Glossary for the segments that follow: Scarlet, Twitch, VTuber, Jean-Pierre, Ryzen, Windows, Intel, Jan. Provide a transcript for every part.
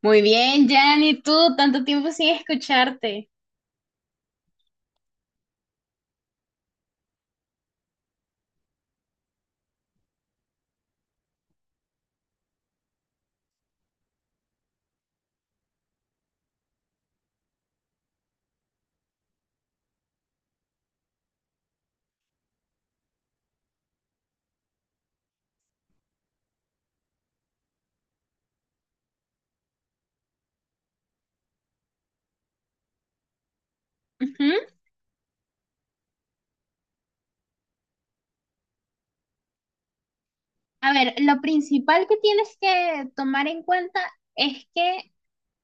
Muy bien, Jan, ¿y tú? Tanto tiempo sin escucharte. Ujú. A ver, lo principal que tienes que tomar en cuenta es que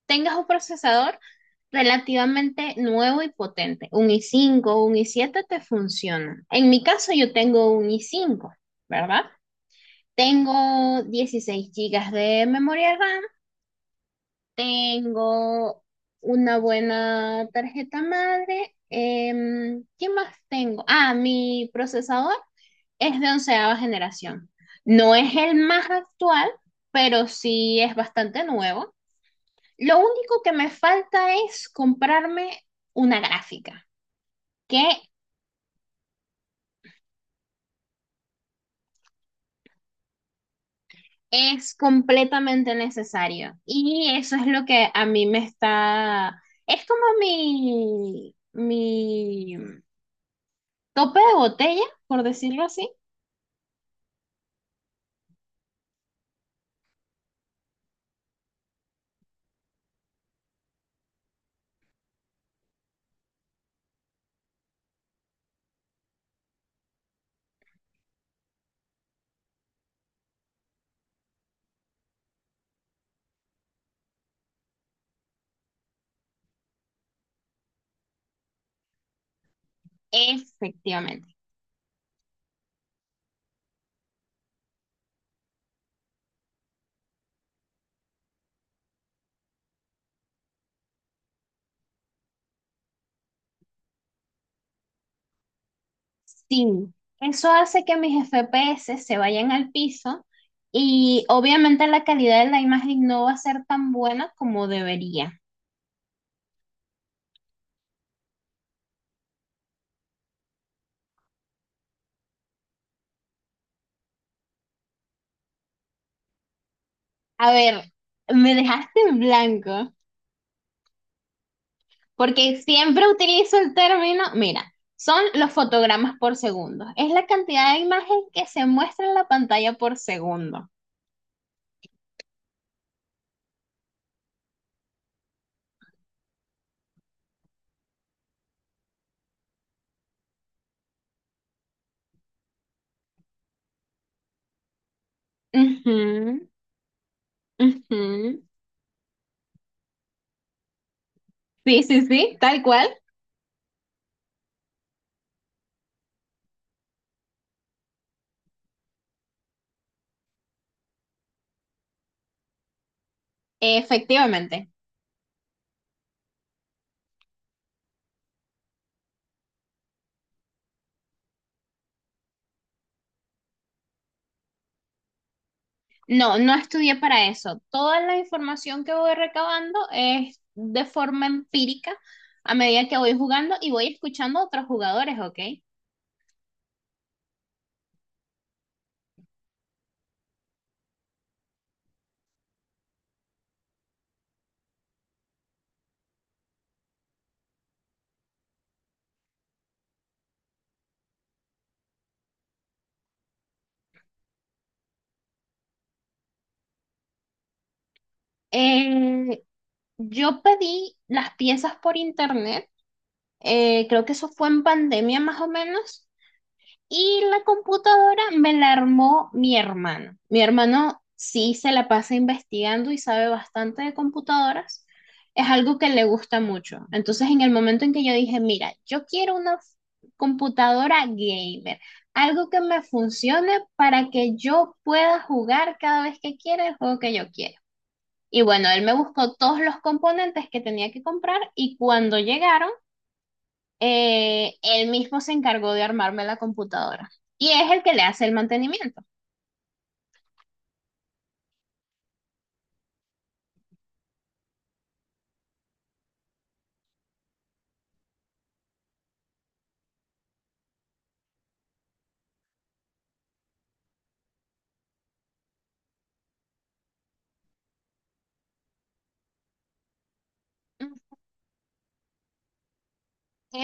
tengas un procesador relativamente nuevo y potente. Un i5 un i7 te funcionan. En mi caso, yo tengo un i5, ¿verdad? Tengo 16 gigas de memoria RAM, tengo una buena tarjeta madre. ¿Qué más tengo? Ah, mi procesador es de 11.ª generación. No es el más actual, pero sí es bastante nuevo. Lo único que me falta es comprarme una gráfica, que es completamente necesario. Y eso es lo que a mí me está... Es como mi tope de botella, por decirlo así. Efectivamente. Sí, eso hace que mis FPS se vayan al piso y obviamente la calidad de la imagen no va a ser tan buena como debería. A ver, me dejaste en blanco porque siempre utilizo el término, mira, son los fotogramas por segundo. Es la cantidad de imagen que se muestra en la pantalla por segundo. Ujú, ujú. Sí, sí, sí, tal cual. Efectivamente. No, no estudié para eso. Toda la información que voy recabando es de forma empírica a medida que voy jugando y voy escuchando a otros jugadores, ¿ok? Eh, yo pedí las piezas por internet, creo que eso fue en pandemia más o menos. Y la computadora me la armó mi hermano. Mi hermano sí se la pasa investigando y sabe bastante de computadoras. Es algo que le gusta mucho. Entonces, en el momento en que yo dije, mira, yo quiero una computadora gamer, algo que me funcione para que yo pueda jugar cada vez que quiera el juego que yo quiero. Y bueno, él me buscó todos los componentes que tenía que comprar y cuando llegaron, él mismo se encargó de armarme la computadora y es el que le hace el mantenimiento. Mm,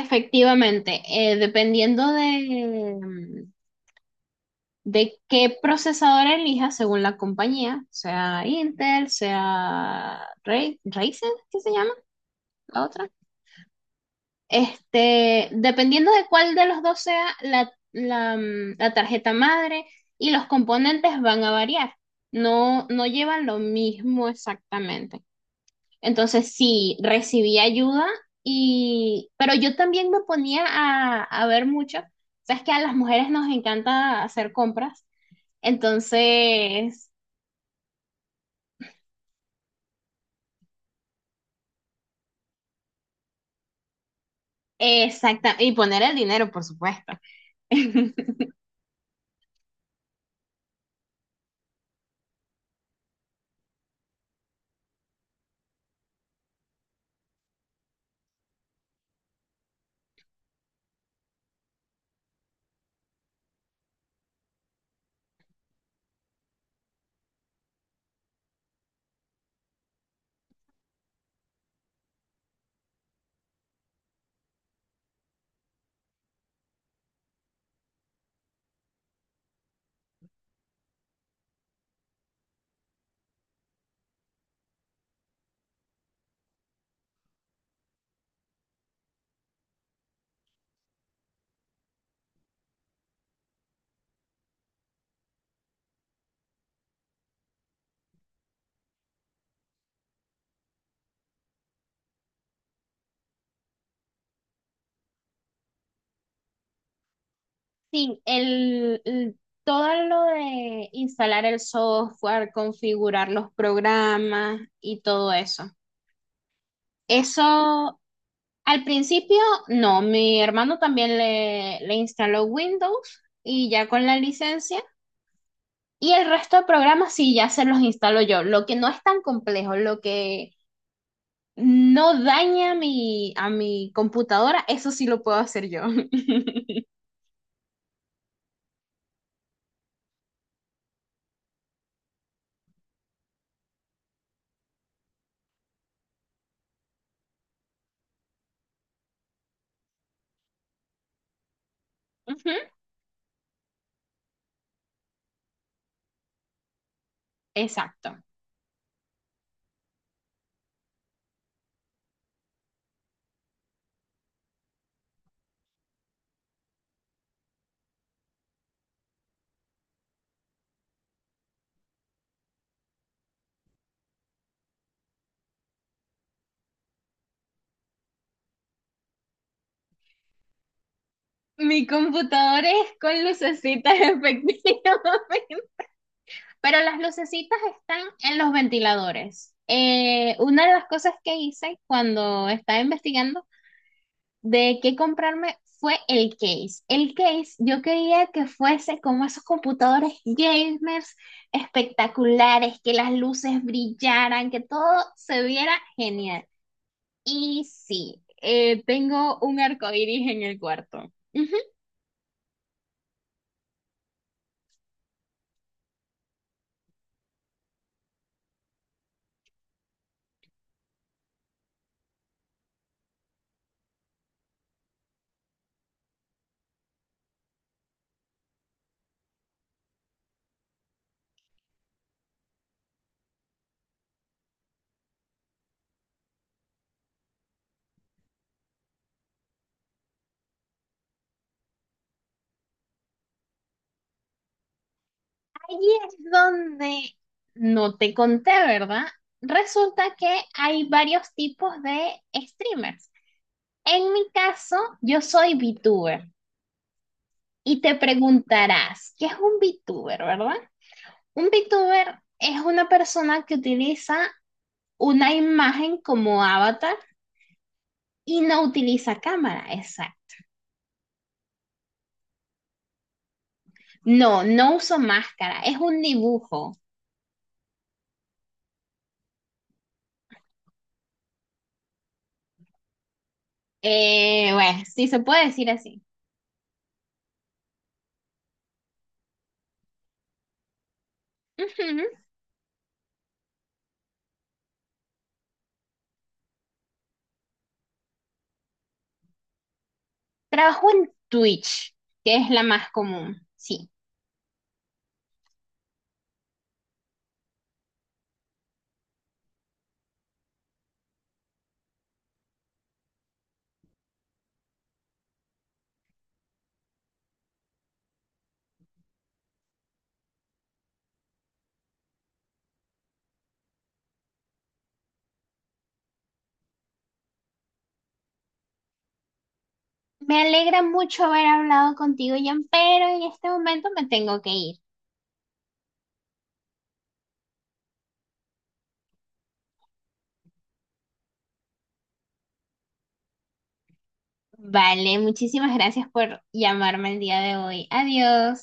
Efectivamente, dependiendo de, qué procesador elija, según la compañía, sea Intel, sea Ryzen, ¿qué se llama la otra? Este, dependiendo de cuál de los dos sea la tarjeta madre y los componentes van a variar. No, no llevan lo mismo exactamente. Entonces sí, recibí ayuda pero yo también me ponía a ver mucho. Sabes que a las mujeres nos encanta hacer compras, entonces, exacta, y poner el dinero, por supuesto. Sí, todo lo de instalar el software, configurar los programas y todo eso. Eso al principio no, mi hermano también le instaló Windows y ya con la licencia. Y el resto de programas sí, ya se los instalo yo. Lo que no es tan complejo, lo que no daña a mi computadora, eso sí lo puedo hacer yo. Ujú. Exacto. Mi computadora es con lucecitas, efectivamente. Pero las lucecitas están en los ventiladores. Una de las cosas que hice cuando estaba investigando de qué comprarme fue el case. El case yo quería que fuese como esos computadores gamers espectaculares, que las luces brillaran, que todo se viera genial. Y sí, tengo un arco iris en el cuarto. Ujú. Ahí es donde no te conté, ¿verdad? Resulta que hay varios tipos de streamers. En mi caso, yo soy VTuber. Y te preguntarás, ¿qué es un VTuber, verdad? Un VTuber es una persona que utiliza una imagen como avatar y no utiliza cámara, exacto. No, no uso máscara, es un dibujo. Bueno, sí se puede decir así. Ujú. Trabajo en Twitch, que es la más común, sí. Me alegra mucho haber hablado contigo, Jan, pero en este momento me tengo que ir. Vale, muchísimas gracias por llamarme el día de hoy. Adiós.